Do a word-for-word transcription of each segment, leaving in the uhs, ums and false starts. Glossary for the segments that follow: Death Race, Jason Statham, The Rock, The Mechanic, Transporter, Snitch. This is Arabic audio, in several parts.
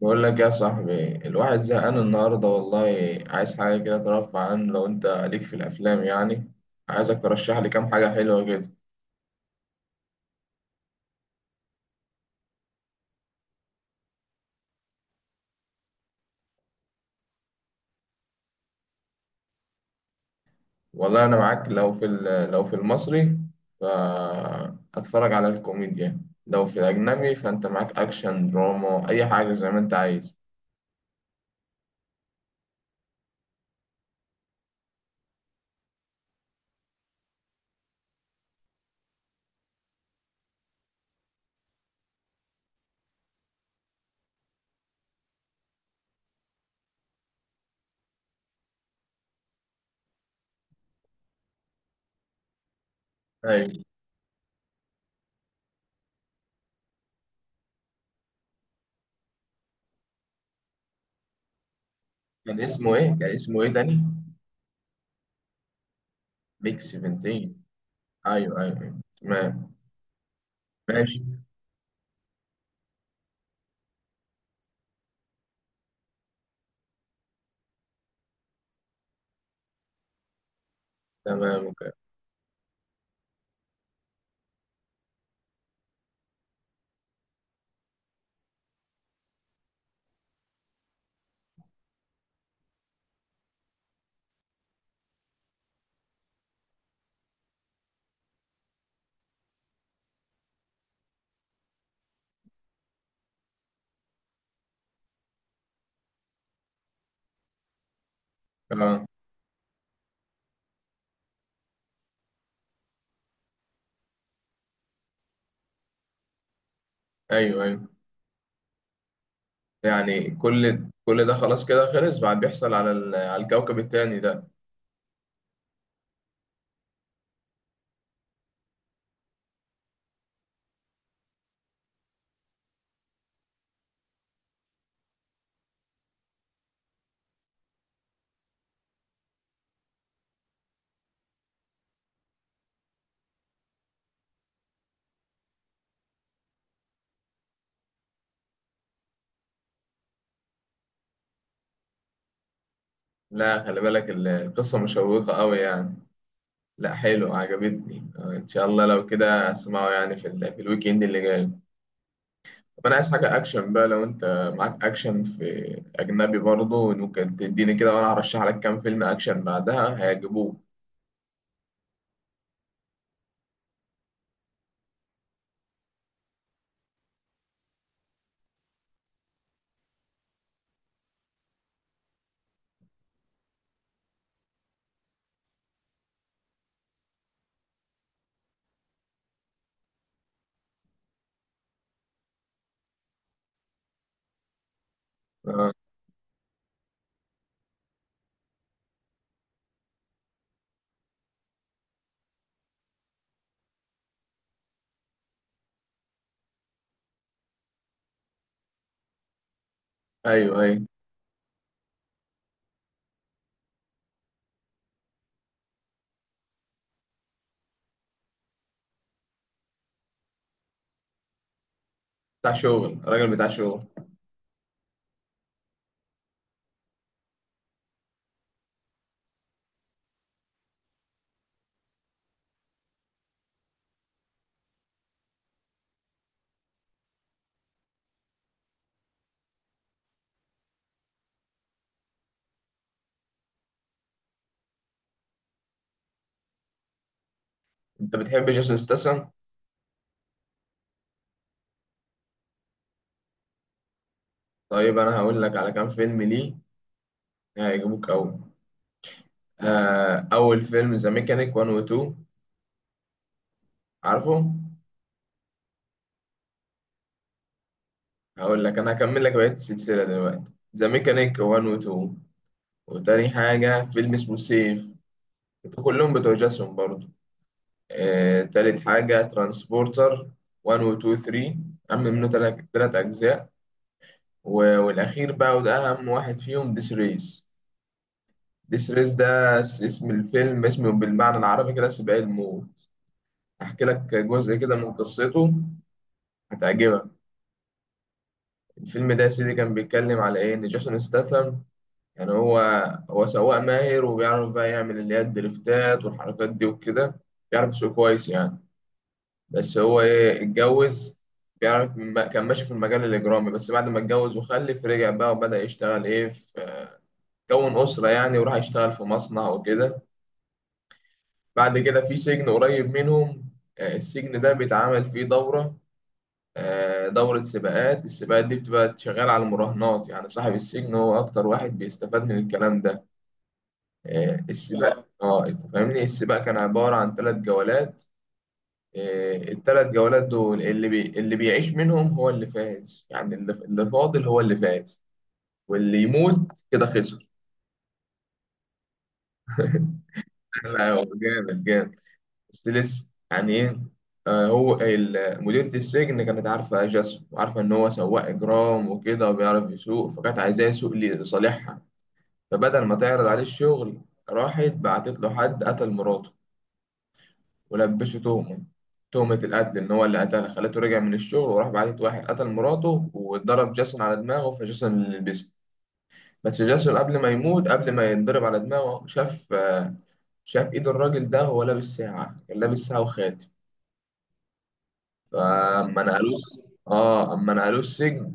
بقول لك يا صاحبي، الواحد زهقان النهارده والله. عايز حاجة كده ترفع عنه، لو انت ليك في الافلام يعني. عايزك ترشح لي كام حاجة حلوة كده. والله انا معاك، لو في ال- لو في المصري فاتفرج على الكوميديا، لو في الاجنبي فانت معاك اكشن، دراما، اي حاجة زي ما انت عايز. ايوه. كان اسمه ايه؟ كان اسمه ايه تاني؟ بيك سبعتاشر؟ ايوه، ايوه، أيوة. تمام. ماشي. تمام، اوكي. اه. ايوه، ايوه. يعني كل كل ده، خلاص كده خلص، بعد بيحصل على ال- على الكوكب التاني ده؟ لا، خلي بالك، ال- القصة مشوقة قوي يعني. لا، حلو، عجبتني. آه، ان شاء الله لو كده اسمعه يعني في ال... في الويك اند اللي جاي. طب انا عايز حاجة اكشن بقى، لو انت معاك اكشن في اجنبي برضه، ممكن تديني كده، وانا هرشح لك كام فيلم اكشن بعدها هيعجبوك. آه. ايوه، ايوه. بتاع شغل، راجل بتاع شغل. انت بتحب جيسون ستاثام؟ طيب انا هقول لك على كام فيلم ليه هيعجبوك قوي. آه، أول فيلم ذا ميكانيك واحد و اتنين، عارفه؟ هقول لك، أنا هكمل لك بقية السلسلة دلوقتي. ذا ميكانيك واحد و اتنين، وتاني حاجة فيلم اسمه سيف، كلهم بتوع جاسون برضه. آه، تالت حاجة ترانسبورتر واحد و اتنين تلاتة، عم منه تلات تلات أجزاء. و- والأخير بقى، وده أهم واحد فيهم، ديس ريس. ديس ريس ده س- اسم الفيلم، اسمه بالمعنى العربي كده سباق الموت. أحكي لك جزء كده من قصته، هتعجبك. الفيلم ده يا سيدي كان بيتكلم على ايه، ان جيسون ستاثام يعني هو هو سواق ماهر، وبيعرف بقى يعمل اللي هي الدريفتات والحركات دي وكده، بيعرف يسوق كويس يعني. بس هو ايه، اتجوز. بيعرف ما- كان ماشي في المجال الاجرامي، بس بعد ما اتجوز وخلف رجع بقى وبدأ يشتغل ايه في، كون أسرة يعني، وراح يشتغل في مصنع وكده. بعد كده في سجن قريب منهم. آه، السجن ده بيتعمل فيه دورة، آه، دورة سباقات. السباقات دي بتبقى شغالة على المراهنات، يعني صاحب السجن هو أكتر واحد بيستفاد من الكلام ده. آه، السباق. اه، اه، انت فاهمني، السباق كان عبارة عن ثلاث جولات. آه، الثلاث جولات دول اللي بي... اللي بيعيش منهم هو اللي فاز، يعني اللي, اللي فاضل هو اللي فاز، واللي يموت كده خسر. لا، هو جامد جامد، بس لسه يعني ايه. آه، هو ال- مديرة السجن كانت عارفة جاسم وعارفة إن هو سواق إجرام وكده وبيعرف يسوق، فكانت عايزاه يسوق لصالحها. فبدل ما تعرض عليه الشغل، راحت بعتت له حد قتل مراته، ولبشه تهمة، تهمة القتل، إن هو اللي قتلها. خلته رجع من الشغل، وراح بعتت واحد قتل مراته، واتضرب جاسون على دماغه، فجاسون اللي لبسه. بس جاسون قبل ما يموت، قبل ما يتضرب على دماغه، شاف، آه، شاف إيد الراجل ده وهو لابس ساعة، كان لابس ساعة وخاتم. فأما نقلوه، اه، اما نقلوه السجن،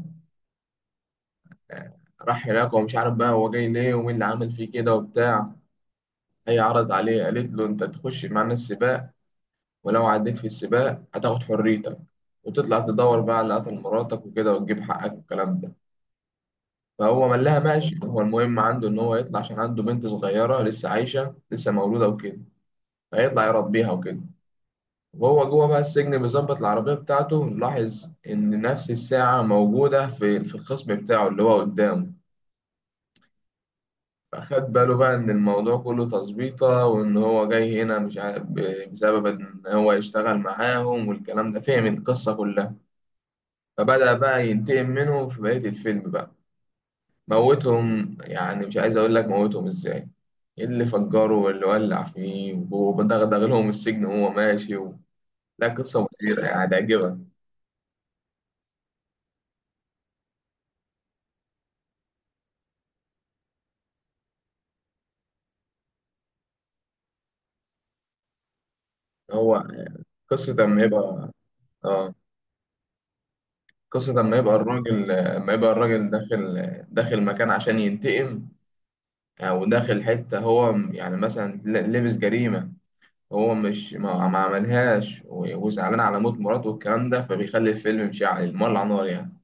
راح هناك ومش عارف بقى هو جاي ليه ومين اللي عامل فيه كده وبتاع. هي عرض عليه، قالت له: انت تخش معانا السباق، ولو عديت في السباق هتاخد حريتك، وتطلع تدور بقى على اللي قتل مراتك وكده، وتجيب حقك والكلام ده. فهو ملاها ماشي، هو المهم عنده إن هو يطلع، عشان عنده بنت صغيرة لسه عايشة، لسه مولودة وكده، فيطلع يربيها وكده. وهو جوه بقى السجن بيظبط العربية بتاعته، لاحظ إن نفس الساعة موجودة في في الخصم بتاعه اللي هو قدامه. فخد باله بقى إن الموضوع كله تظبيطة، وإن هو جاي هنا مش عارف ب- بسبب إن هو يشتغل معاهم والكلام ده، فهم القصة كلها. فبدأ بقى ينتقم منهم في بقية الفيلم بقى، موتهم. يعني مش عايز أقول لك موتهم إزاي، إيه اللي فجره واللي ولع فيه ودغدغ لهم السجن وهو ماشي و... لا، قصة مثيرة يعني، هتعجبك. هو قصة لما يبقى آه قصة لما يبقى الراجل لما يبقى الراجل داخل داخل مكان عشان ينتقم، أو داخل حتة هو م- يعني مثلا ل- لبس جريمة، هو مش ما ما عملهاش، و- وزعلان على موت مراته والكلام ده، فبيخلي الفيلم مشعل مولع نار يعني.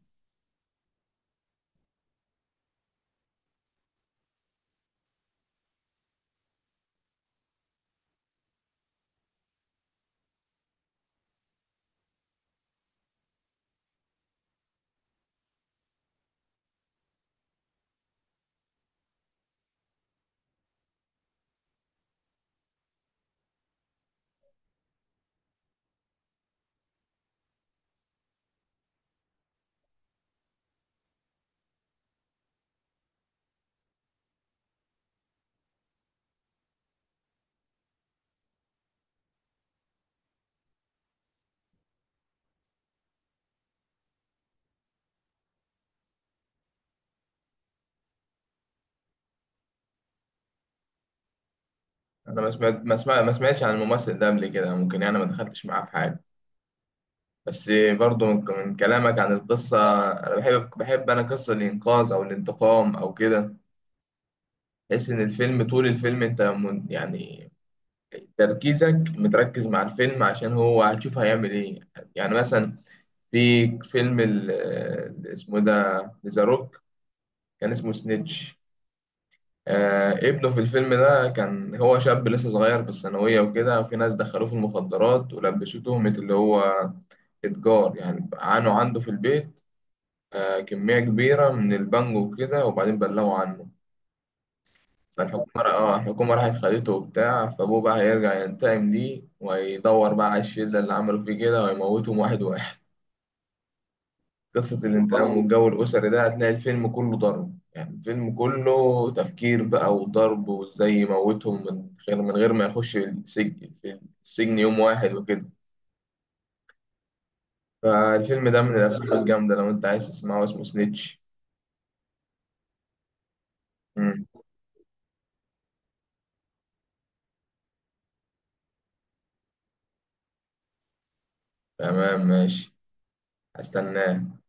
انا ما سمعت ما سمع ما سمعتش عن الممثل ده قبل كده، ممكن يعني ما دخلتش معاه في حاجه، بس برضو من من كلامك عن القصه، انا بحب بحب انا قصه الانقاذ او الانتقام او كده. تحس ان الفيلم، طول الفيلم انت من يعني تركيزك متركز مع الفيلم، عشان هو هتشوف هيعمل ايه. يعني مثلا في فيلم ال- ال- اسمه إيه ده، ذا روك، كان اسمه سنيتش. آه، ابنه في الفيلم ده كان هو شاب لسه صغير في الثانوية وكده، وفي ناس دخلوه في المخدرات ولبسوه تهمة اللي هو إتجار يعني، عانوا عنده في البيت آه، كمية كبيرة من البانجو وكده، وبعدين بلغوا عنه. فالحكومة اه الحكومة راحت خدته وبتاع، فأبوه بقى هيرجع ينتقم ليه، ويدور بقى على الشلة اللي عملوا فيه كده ويموتهم واحد واحد. قصة الانتقام والله، والجو الأسري ده، هتلاقي الفيلم كله ضرب يعني، الفيلم كله تفكير بقى وضرب وازاي يموتهم من غير من غير ما يخش السجن، في السجن يوم واحد وكده. فالفيلم ده من الأفلام الجامدة، لو أنت عايز تسمعه اسمه سنيتش. مم. تمام، ماشي، هستناه.